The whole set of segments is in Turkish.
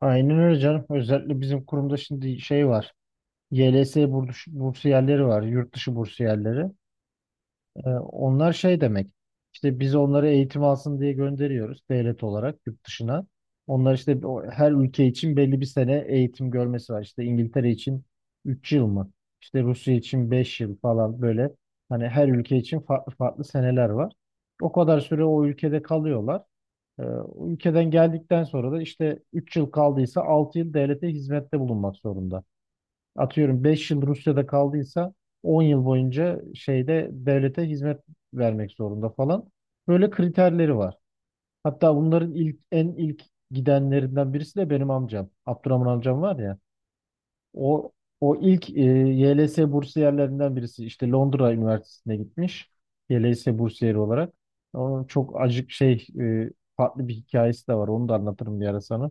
Aynen öyle canım. Özellikle bizim kurumda şimdi şey var. YLS bursiyerleri var. Yurt dışı bursiyerleri. Onlar şey demek. İşte biz onları eğitim alsın diye gönderiyoruz devlet olarak yurt dışına. Onlar işte her ülke için belli bir sene eğitim görmesi var. İşte İngiltere için 3 yıl mı? İşte Rusya için 5 yıl falan böyle. Hani her ülke için farklı farklı seneler var. O kadar süre o ülkede kalıyorlar. Ee, ülkeden geldikten sonra da işte 3 yıl kaldıysa 6 yıl devlete hizmette bulunmak zorunda. Atıyorum 5 yıl Rusya'da kaldıysa 10 yıl boyunca şeyde devlete hizmet vermek zorunda falan. Böyle kriterleri var. Hatta bunların ilk gidenlerinden birisi de benim amcam. Abdurrahman amcam var ya. O o ilk YLS bursiyerlerinden birisi işte Londra Üniversitesi'ne gitmiş. YLS bursiyeri olarak. Onun çok acık şey farklı bir hikayesi de var. Onu da anlatırım bir ara sana.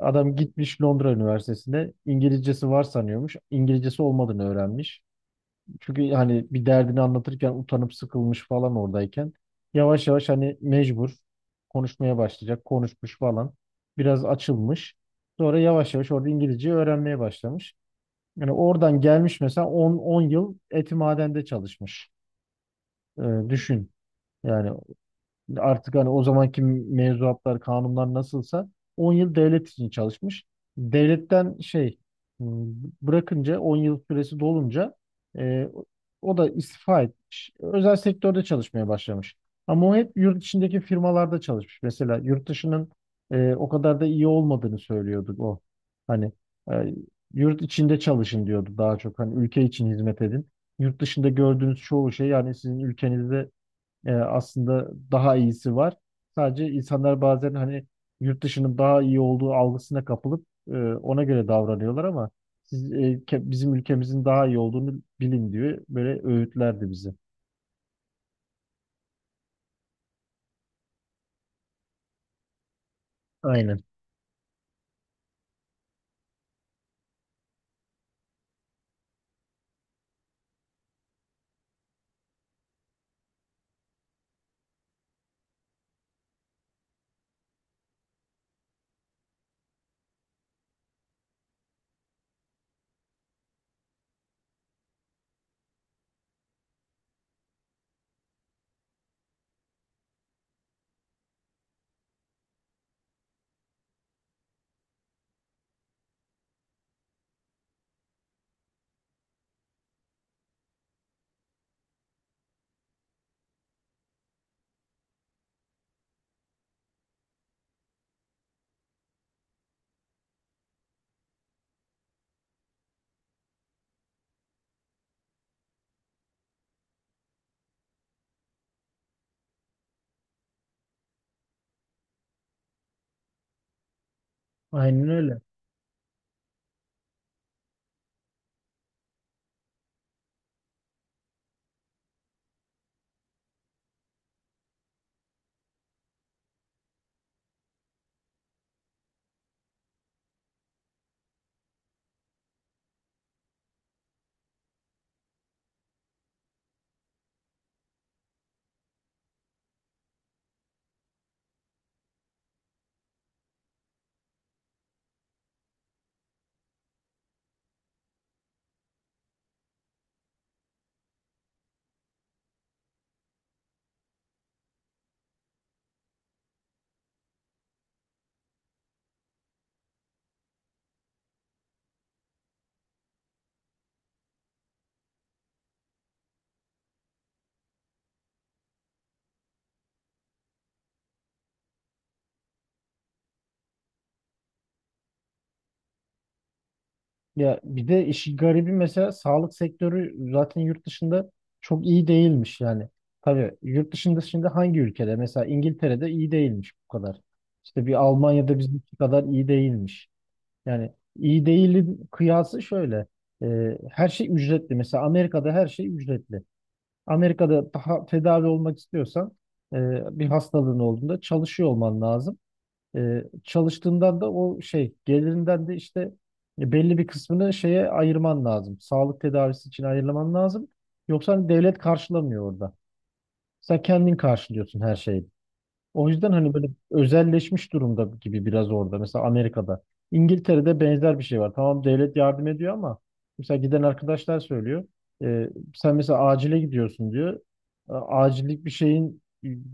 Adam gitmiş Londra Üniversitesi'ne. İngilizcesi var sanıyormuş. İngilizcesi olmadığını öğrenmiş. Çünkü hani bir derdini anlatırken utanıp sıkılmış falan oradayken. Yavaş yavaş hani mecbur konuşmaya başlayacak. Konuşmuş falan. Biraz açılmış. Sonra yavaş yavaş orada İngilizceyi öğrenmeye başlamış. Yani oradan gelmiş mesela 10 yıl etimadende çalışmış. Ee, düşün. Yani artık hani o zamanki mevzuatlar, kanunlar nasılsa 10 yıl devlet için çalışmış. Devletten şey hmm, bırakınca 10 yıl süresi dolunca e, o da istifa etmiş. Özel sektörde çalışmaya başlamış. Ama o hep yurt içindeki firmalarda çalışmış. Mesela yurt dışının o kadar da iyi olmadığını söylüyordu o. Hani e, yurt içinde çalışın diyordu daha çok. Hani ülke için hizmet edin. Yurt dışında gördüğünüz çoğu şey yani sizin ülkenizde aslında daha iyisi var. Sadece insanlar bazen hani yurt dışının daha iyi olduğu algısına kapılıp ona göre davranıyorlar ama siz bizim ülkemizin daha iyi olduğunu bilin diyor. Böyle öğütlerdi bize. Aynen. Aynen öyle. Ya bir de işi garibi mesela sağlık sektörü zaten yurt dışında çok iyi değilmiş yani. Tabii yurt dışında şimdi hangi ülkede? Mesela İngiltere'de iyi değilmiş bu kadar. İşte bir Almanya'da bizimki kadar iyi değilmiş. Yani iyi değilin kıyası şöyle. Her şey ücretli. Mesela Amerika'da her şey ücretli. Amerika'da daha tedavi olmak istiyorsan e, bir hastalığın olduğunda çalışıyor olman lazım. Çalıştığından da o şey gelirinden de işte belli bir kısmını şeye ayırman lazım. Sağlık tedavisi için ayırman lazım. Yoksa hani devlet karşılamıyor orada. Sen kendin karşılıyorsun her şeyi. O yüzden hani böyle özelleşmiş durumda gibi biraz orada. Mesela Amerika'da. İngiltere'de benzer bir şey var. Tamam devlet yardım ediyor ama mesela giden arkadaşlar söylüyor. E, sen mesela acile gidiyorsun diyor. Acillik bir şeyin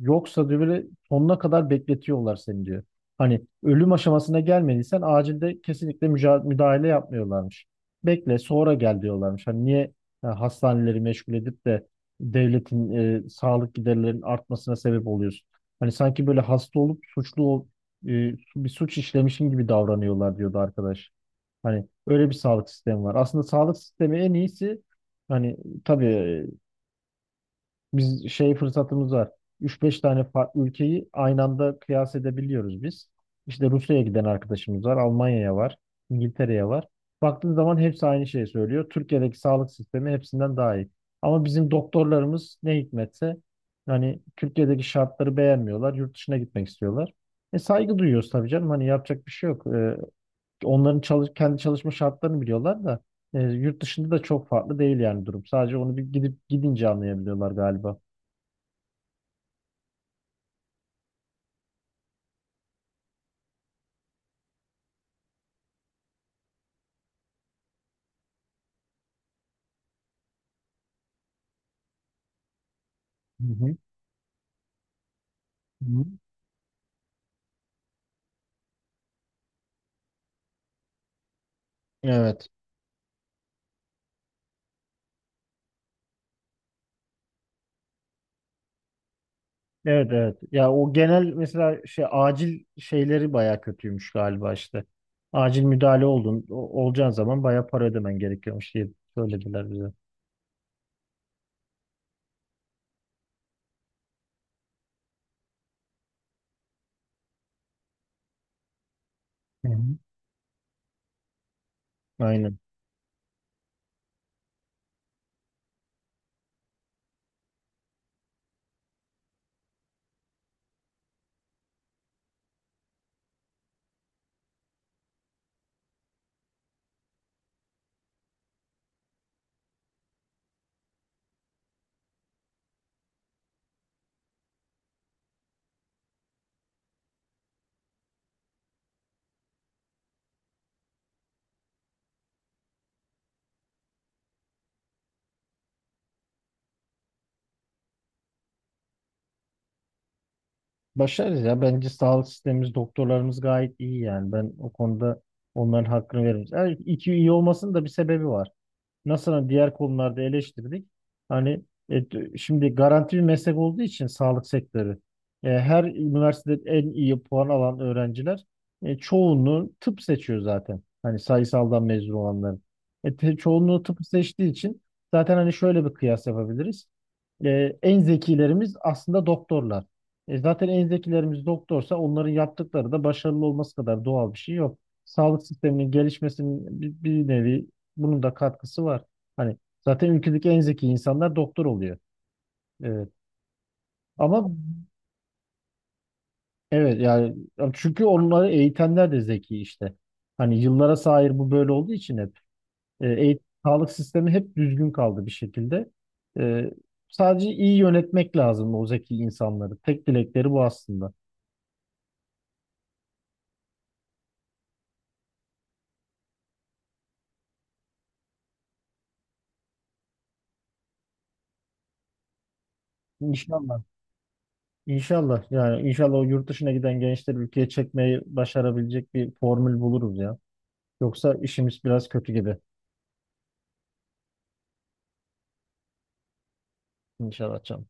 yoksa diyor böyle sonuna kadar bekletiyorlar seni diyor. Hani ölüm aşamasına gelmediysen acilde kesinlikle müdahale yapmıyorlarmış. Bekle sonra gel diyorlarmış. Hani niye hastaneleri meşgul edip de devletin sağlık giderlerinin artmasına sebep oluyorsun? Hani sanki böyle hasta olup suçlu e, bir suç işlemişim gibi davranıyorlar diyordu arkadaş. Hani öyle bir sağlık sistemi var. Aslında sağlık sistemi en iyisi hani tabii biz şey fırsatımız var. Üç beş tane farklı ülkeyi aynı anda kıyas edebiliyoruz biz. İşte Rusya'ya giden arkadaşımız var, Almanya'ya var, İngiltere'ye var. Baktığın zaman hepsi aynı şeyi söylüyor. Türkiye'deki sağlık sistemi hepsinden daha iyi. Ama bizim doktorlarımız ne hikmetse hani Türkiye'deki şartları beğenmiyorlar, yurt dışına gitmek istiyorlar. Saygı duyuyoruz tabii canım. Hani yapacak bir şey yok. Onların kendi çalışma şartlarını biliyorlar da yurt dışında da çok farklı değil yani durum. Sadece onu bir gidip gidince anlayabiliyorlar galiba. Hı hı, hı hı. Evet. Evet, evet. Ya o genel mesela şey acil şeyleri baya kötüymüş galiba işte. Acil müdahale oldun olacağın zaman baya para ödemen gerekiyormuş diye söylediler bize. Hı hı. Aynen. Başarız ya. Bence sağlık sistemimiz, doktorlarımız gayet iyi yani. Ben o konuda onların hakkını veririm. Yani iki iyi olmasının da bir sebebi var. Nasıl hani diğer konularda eleştirdik. Hani şimdi garanti bir meslek olduğu için sağlık sektörü her üniversitede en iyi puan alan öğrenciler çoğunluğu tıp seçiyor zaten. Hani sayısaldan mezun olanların. Çoğunluğu tıp seçtiği için zaten hani şöyle bir kıyas yapabiliriz. E, en zekilerimiz aslında doktorlar. Zaten en zekilerimiz doktorsa onların yaptıkları da başarılı olması kadar doğal bir şey yok. Sağlık sisteminin gelişmesinin bir nevi bunun da katkısı var. Hani zaten ülkedeki en zeki insanlar doktor oluyor. Evet. Ama evet yani çünkü onları eğitenler de zeki işte. Hani yıllara sahir bu böyle olduğu için hep sağlık sistemi hep düzgün kaldı bir şekilde. E, sadece iyi yönetmek lazım o zeki insanları. Tek dilekleri bu aslında. İnşallah. İnşallah yani inşallah o yurt dışına giden gençleri ülkeye çekmeyi başarabilecek bir formül buluruz ya. Yoksa işimiz biraz kötü gibi. İnşallah canım.